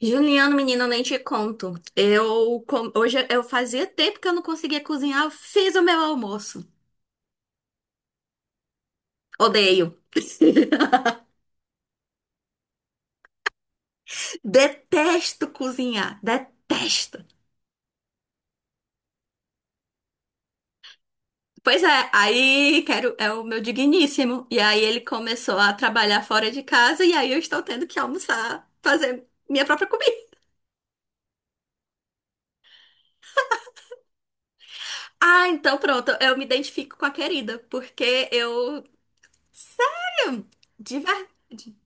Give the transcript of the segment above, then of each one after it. Juliano, menina, eu nem te conto. Hoje eu fazia tempo que eu não conseguia cozinhar, eu fiz o meu almoço. Odeio. Detesto cozinhar, detesto. Pois é, aí quero é o meu digníssimo. E aí ele começou a trabalhar fora de casa e aí eu estou tendo que almoçar, fazer minha própria comida. Ah, então pronto, eu me identifico com a querida, porque eu, sim, de verdade.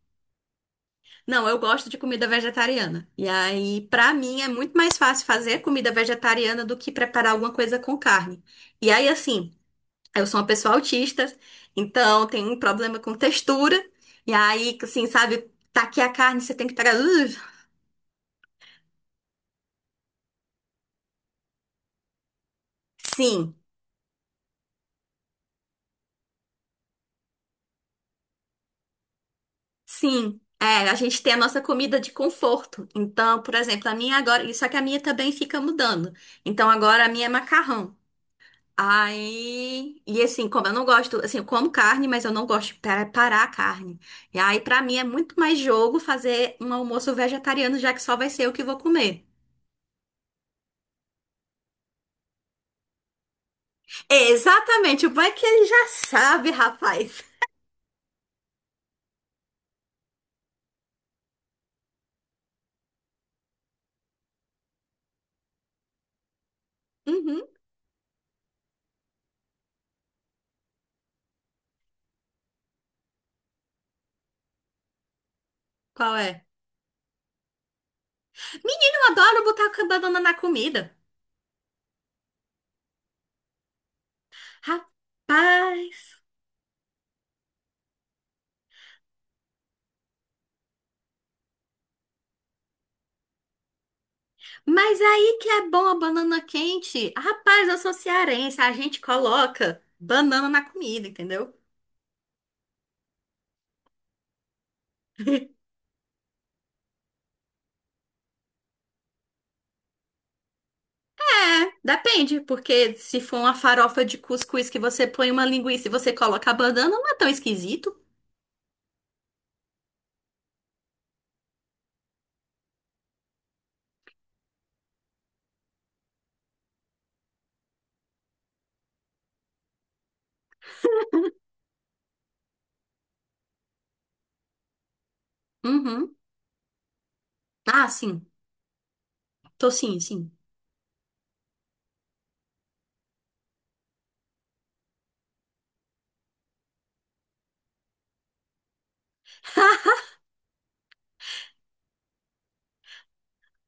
Não, eu gosto de comida vegetariana. E aí, pra mim, é muito mais fácil fazer comida vegetariana do que preparar alguma coisa com carne. E aí, assim, eu sou uma pessoa autista, então tem um problema com textura. E aí, assim, sabe, tá aqui a carne, você tem que pegar. Sim, sim. É, a gente tem a nossa comida de conforto. Então, por exemplo, a minha agora. Só que a minha também fica mudando. Então, agora a minha é macarrão. Aí, e assim, como eu não gosto, assim, eu como carne, mas eu não gosto de preparar a carne. E aí, pra mim, é muito mais jogo fazer um almoço vegetariano, já que só vai ser eu que vou comer. Exatamente, o bom é que ele já sabe, rapaz. Uhum, qual é? Menino, eu adoro botar a banana na comida. Rapaz, mas aí que é bom a banana quente. Rapaz, eu sou cearense, a gente coloca banana na comida, entendeu? É, depende, porque se for uma farofa de cuscuz que você põe uma linguiça e você coloca a banana, não é tão esquisito. Uhum. Ah, sim. Tocinho, sim.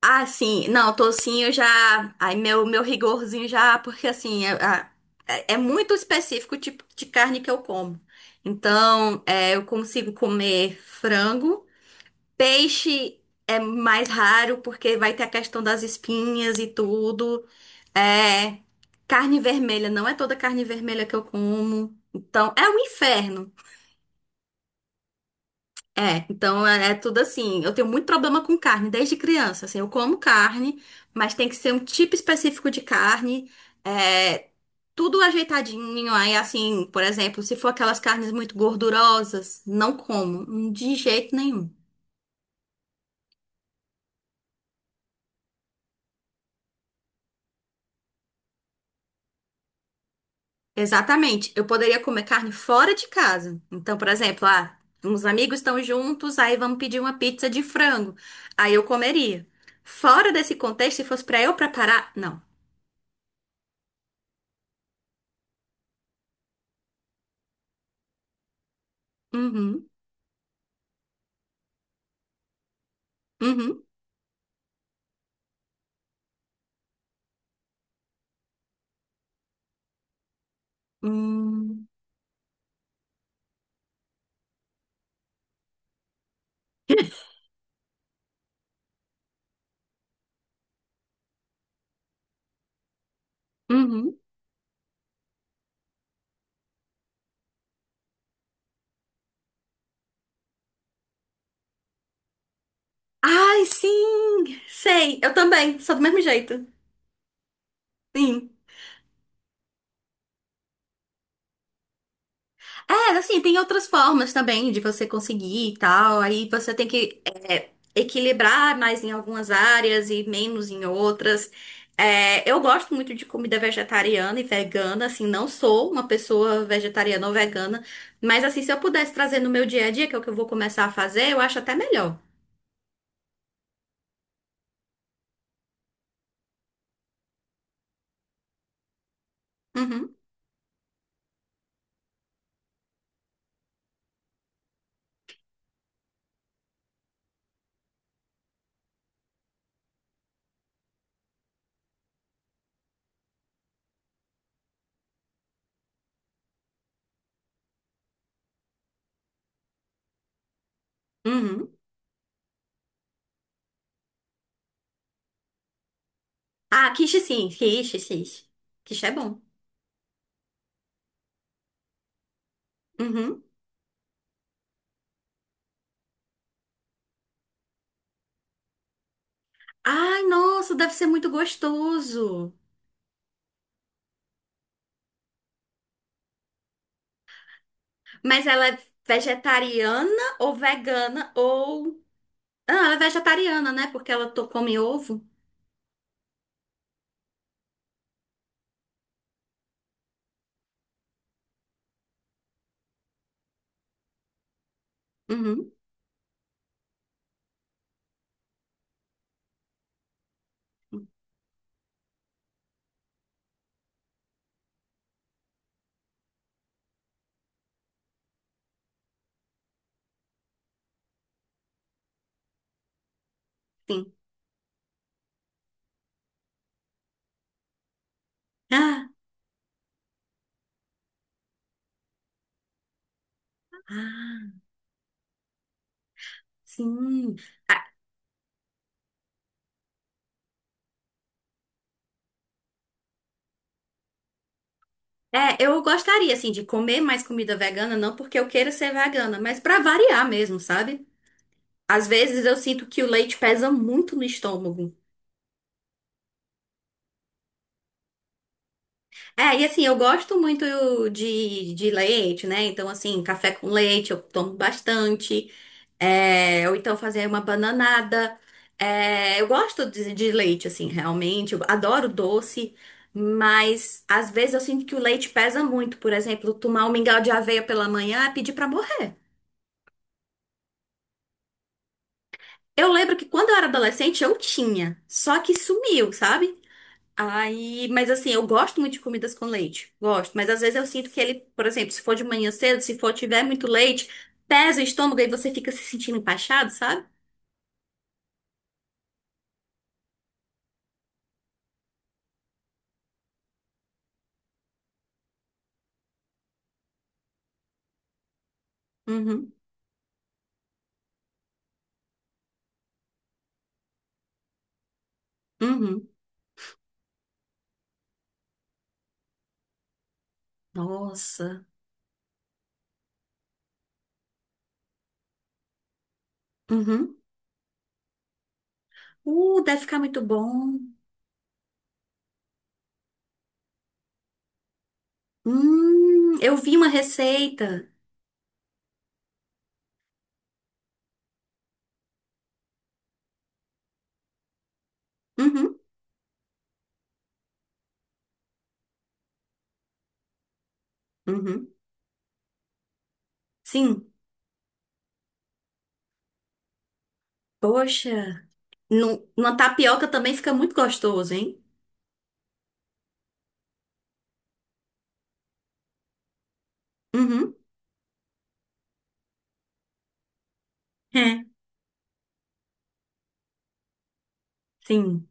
Ah, sim. Não, tocinho já. Ai, meu rigorzinho já, porque assim, é, é muito específico o tipo de carne que eu como. Então, é, eu consigo comer frango. Peixe é mais raro, porque vai ter a questão das espinhas e tudo. É, carne vermelha, não é toda carne vermelha que eu como. Então, é um inferno. É, então é, é tudo assim. Eu tenho muito problema com carne desde criança. Assim, eu como carne, mas tem que ser um tipo específico de carne. É, tudo ajeitadinho. Aí, assim, por exemplo, se for aquelas carnes muito gordurosas, não como, de jeito nenhum. Exatamente. Eu poderia comer carne fora de casa. Então, por exemplo, ah, uns amigos estão juntos, aí vamos pedir uma pizza de frango. Aí eu comeria. Fora desse contexto, se fosse pra eu preparar, não. Uhum, uhum, hum, uhum. Ai, sim! Sei, eu também, sou do mesmo jeito. Sim. É, assim, tem outras formas também de você conseguir e tal. Aí você tem que é, equilibrar mais em algumas áreas e menos em outras. É, eu gosto muito de comida vegetariana e vegana, assim, não sou uma pessoa vegetariana ou vegana, mas assim, se eu pudesse trazer no meu dia a dia, que é o que eu vou começar a fazer, eu acho até melhor. Uhum, uhum. Ah, quiche sim, quiche, quiche. Quiche é bom. Uhum. Ai, nossa, deve ser muito gostoso. Mas ela é vegetariana ou vegana ou. Ah, ela é vegetariana, né? Porque ela come ovo. Uhum, sim. Ah, ah, sim. Ah, é, eu gostaria, assim, de comer mais comida vegana, não porque eu queira ser vegana, mas pra variar mesmo, sabe? Às vezes eu sinto que o leite pesa muito no estômago. É, e assim, eu gosto muito de leite, né? Então, assim, café com leite eu tomo bastante. É, ou então fazer uma bananada. É, eu gosto de leite, assim, realmente. Eu adoro doce, mas às vezes eu sinto que o leite pesa muito. Por exemplo, tomar um mingau de aveia pela manhã é pedir pra morrer. Eu lembro que quando eu era adolescente eu tinha, só que sumiu, sabe? Aí, mas assim, eu gosto muito de comidas com leite, gosto, mas às vezes eu sinto que ele, por exemplo, se for de manhã cedo, se for tiver muito leite, pesa o estômago e você fica se sentindo empachado, sabe? Uhum, uhum. Nossa. Uhum. Deve ficar muito bom. Eu vi uma receita. Uhum, uhum. Sim. Poxa, no, numa tapioca também fica muito gostoso, hein? Uhum. É. Sim,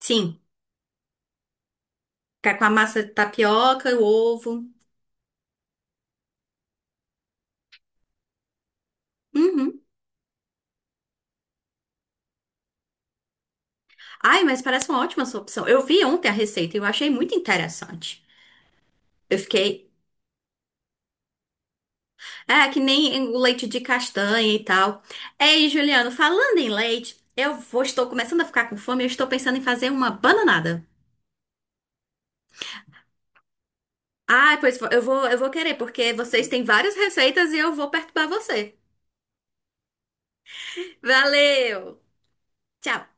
sim. Ficar com a massa de tapioca, o ovo. Uhum. Ai, mas parece uma ótima sua opção. Eu vi ontem a receita e eu achei muito interessante. Eu fiquei. É, que nem o leite de castanha e tal. Ei, Juliano, falando em leite, estou começando a ficar com fome, e eu estou pensando em fazer uma bananada. Ah, pois eu vou querer, porque vocês têm várias receitas e eu vou perturbar você. Valeu! Tchau!